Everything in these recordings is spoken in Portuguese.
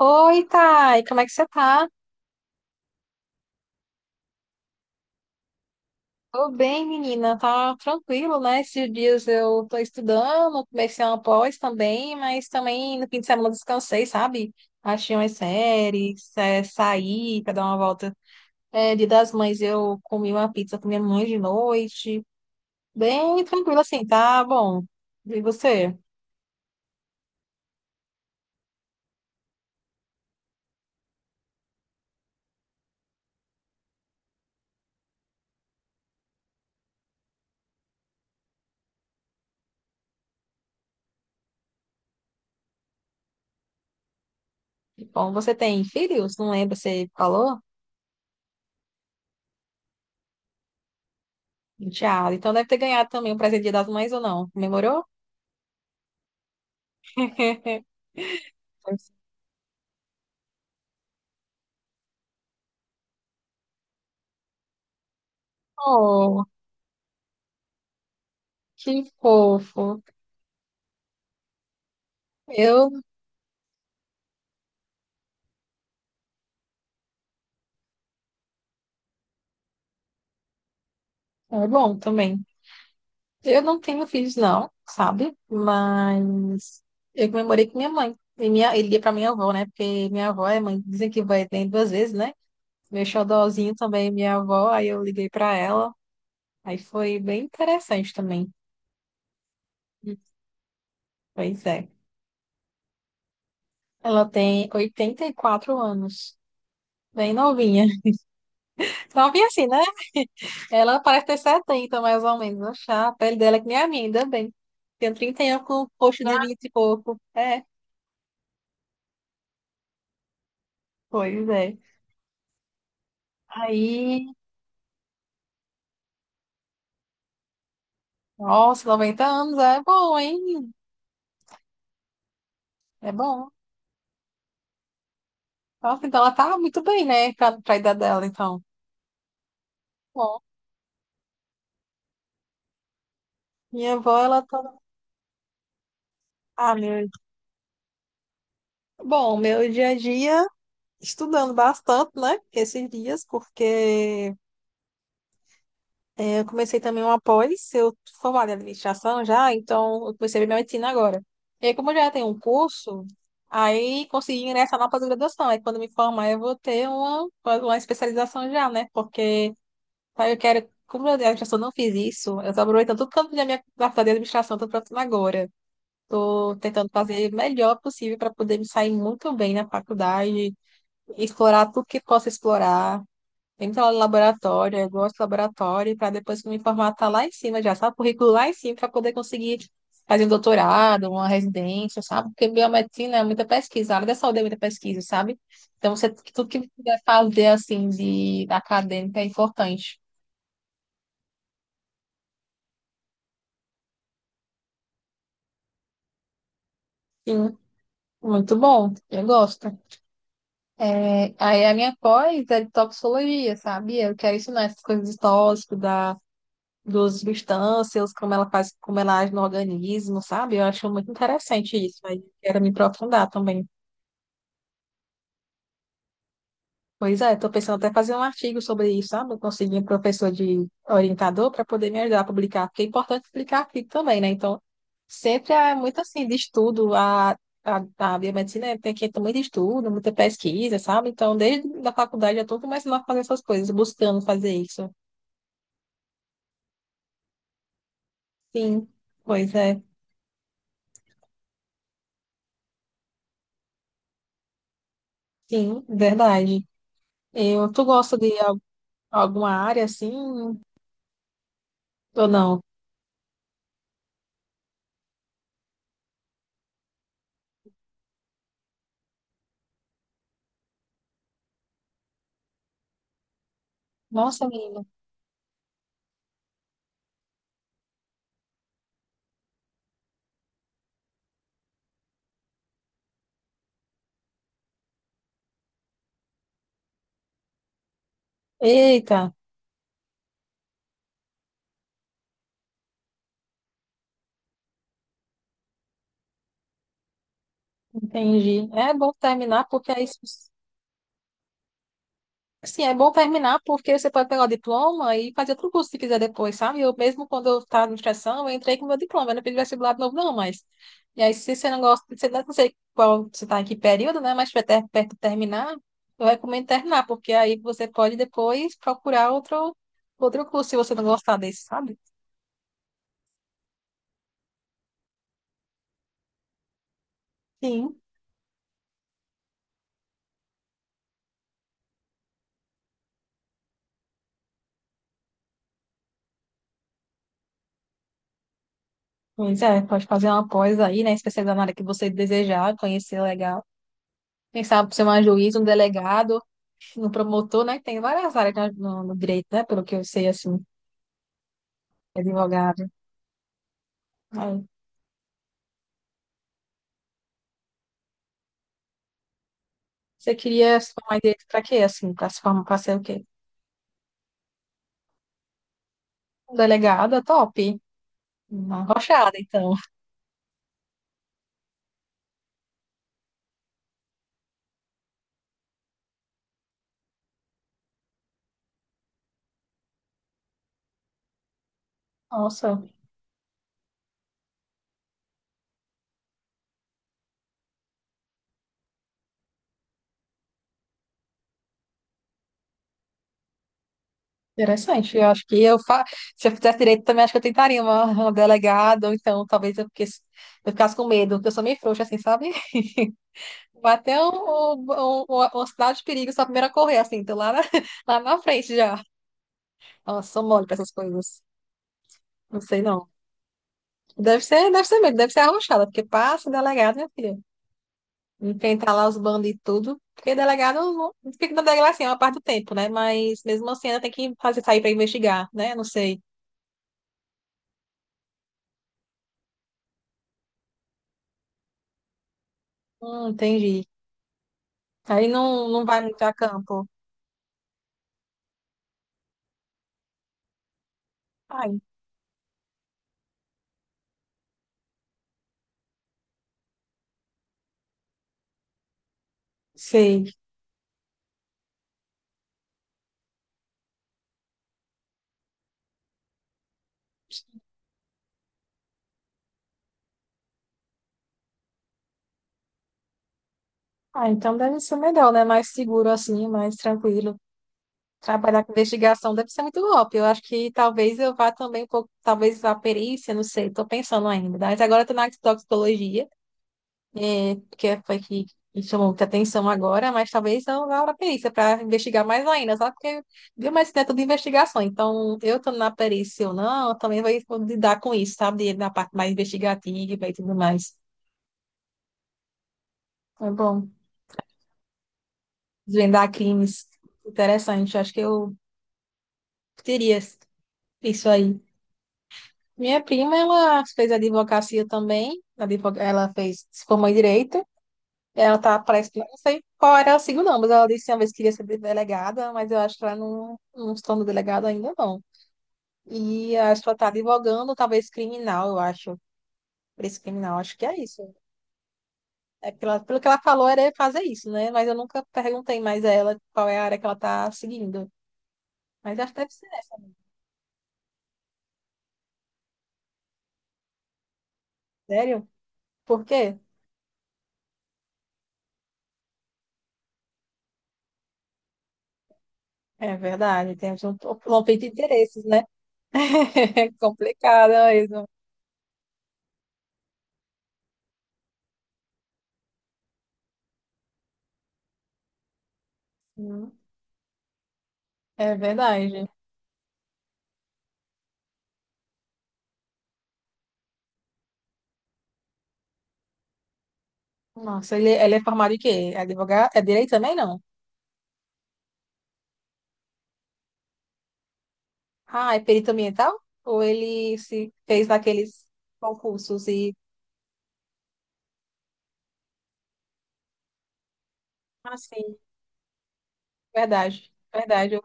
Oi, Thay, como é que você tá? Tô bem, menina, tá tranquilo, né? Esses dias eu tô estudando, comecei uma pós também, mas também no fim de semana eu descansei, sabe? Achei umas séries, saí pra dar uma volta. É, Dia das Mães eu comi uma pizza com minha mãe de noite, bem tranquilo assim, tá bom. E você? Bom, você tem filhos? Não lembro, você falou? Tiago, então deve ter ganhado também o presente de Dia das Mães ou não? Comemorou? Oh, que fofo. Eu, é bom também. Eu não tenho filhos, não, sabe? Mas eu comemorei com minha mãe. E minha, ele ia pra minha avó, né? Porque minha avó é mãe, dizem que vai tem duas vezes, né? Meu xodózinho também, é minha avó, aí eu liguei pra ela. Aí foi bem interessante também. Pois é. Ela tem 84 anos. Bem novinha. Novinha assim, né? Ela parece ter 70 mais ou menos. Achar a pele dela é que nem a minha, ainda bem. Tenho 30 anos com o rosto de vinte e pouco. É, pois é. Aí, nossa, 90 anos é bom, hein? É bom. Nossa, então ela tá muito bem, né? Pra, pra idade dela, então. Bom, minha avó, ela tá. Ah, meu. Bom, meu dia a dia, estudando bastante, né? Esses dias, porque eu comecei também uma pós, eu tô formada em administração já, então eu comecei a medicina agora. E aí, como eu já tenho um curso, aí consegui ingressar na pós-graduação. Aí quando me formar eu vou ter uma especialização já, né? Porque aí eu quero, como eu já só não fiz isso, eu tô aproveitando tudo que eu da minha faculdade de administração, tô aproveitando agora. Tô tentando fazer o melhor possível para poder me sair muito bem na faculdade, explorar tudo que posso explorar. Tem que no laboratório, eu gosto do laboratório, para depois que eu me formar, tá lá em cima já, sabe? O currículo lá em cima, para poder conseguir fazer um doutorado, uma residência, sabe? Porque biomedicina é muita pesquisa, a área da saúde é muita pesquisa, sabe? Então, você, tudo que você puder fazer, assim, de acadêmica é importante. Sim, muito bom, eu gosto. É, aí a minha pós é de toxicologia, sabe? Eu quero ensinar essas coisas de tóxico, da dos substâncias, como ela faz, como ela age no organismo, sabe? Eu acho muito interessante isso, mas quero me aprofundar também. Pois é, estou pensando até fazer um artigo sobre isso, sabe? Conseguir um professor de orientador para poder me ajudar a publicar, porque é importante publicar artigo também, né? Então, sempre é muito assim, de estudo, a biomedicina tem que ter muito estudo, muita pesquisa, sabe? Então, desde a faculdade eu estou começando a fazer essas coisas, buscando fazer isso. Sim, pois é, sim, verdade. Eu, tu gosta de alguma área assim? Ou não? Nossa, menina. Eita, entendi. É bom terminar porque é isso. Sim, é bom terminar porque você pode pegar o diploma e fazer outro curso se quiser depois, sabe? Eu mesmo quando eu estava na administração, eu entrei com meu diploma, eu não pedi vestibular de novo, não, mas. E aí, se você não gosta, você não sei qual você está em que período, né? Mas se tiver perto de terminar, eu recomendo terminar, porque aí você pode depois procurar outro curso se você não gostar desse, sabe? Sim. Pois é, pode fazer uma pós aí, né? Especializar na área que você desejar, conhecer legal. Quem sabe ser um juiz, um delegado, um promotor, né? Tem várias áreas no direito, né? Pelo que eu sei, assim, advogado. Aí, você queria se formar em direito pra quê, assim? Pra se formar, pra ser o quê? Um delegado é top. Uma rochada, então. Nossa, interessante. Eu acho que eu fa... se eu fizesse direito também, acho que eu tentaria uma delegada, ou então talvez fiquesse- eu ficasse com medo, porque eu sou meio frouxa, assim, sabe? Bateu o sinal de perigo, sou a primeira a correr, assim, tô lá na, lá na frente já. Nossa, sou mole pra essas coisas. Não sei não. Deve ser mesmo, deve ser arrochada, porque passa delegado, minha filha. Enfrentar lá os bandos e tudo. Porque delegado não- fica na delegacia uma parte do tempo, né? Mas mesmo assim ainda tem que fazer sair pra investigar, né? Não sei. Entendi. Aí não, não vai muito a campo. Ai, sei. Ah, então deve ser melhor, né? Mais seguro assim, mais tranquilo. Trabalhar com investigação deve ser muito golpe. Eu acho que talvez eu vá também um pouco, talvez a perícia, não sei, estou pensando ainda. Mas agora estou na toxicologia, foi que me chamou muita atenção agora, mas talvez eu vá para a perícia para investigar mais ainda, sabe? Porque biomedicina é tudo investigação, então eu estou na perícia ou não, eu também vou lidar com isso, sabe? Na parte mais investigativa e tudo mais. É bom, desvendar crimes, interessante, acho que eu teria isso aí. Minha prima, ela fez advocacia também. Advo- ela fez, se formou em direito. Ela tá, parece que, não sei qual era o signo, não, mas ela disse uma vez que queria ser delegada, mas eu acho que ela não está no delegado ainda, não. E acho que ela tá advogando, talvez criminal, eu acho. Preço criminal, acho que é isso. É pela, pelo que ela falou, era fazer isso, né? Mas eu nunca perguntei mais a ela qual é a área que ela tá seguindo. Mas acho que deve ser essa, sério? Por quê? É verdade, temos um conflito de interesses, né? É complicado mesmo. Hum, É verdade. Nossa, ele é formado em quê? É advogado? É direito também, não? Ah, é perito ambiental? Ou ele se fez naqueles concursos e... Ah, sim, verdade, verdade. Eu-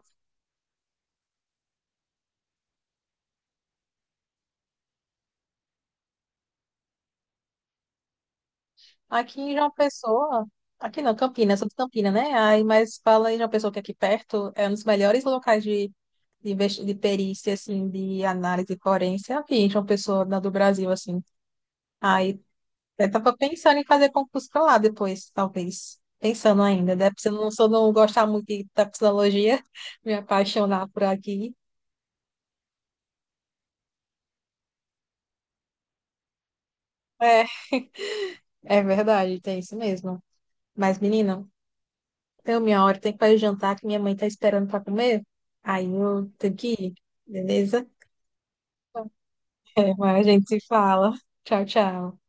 aqui em João Pessoa... Aqui não, Campinas, sou de Campinas, né? Aí, mas fala em João Pessoa que aqui perto é um dos melhores locais de, investi- de perícia, assim, de análise forense. Aqui em João Pessoa, na- do Brasil, assim. Aí eu tava pensando em fazer concurso pra lá depois, talvez. Pensando ainda, né? Se eu não gostar muito de- da psicologia, me apaixonar por aqui. É, é verdade, tem isso mesmo. Mas, menina, deu minha hora, tem que fazer jantar que minha mãe tá esperando pra comer. Aí eu tenho que ir, beleza? É, Mas a gente se fala. Tchau, tchau.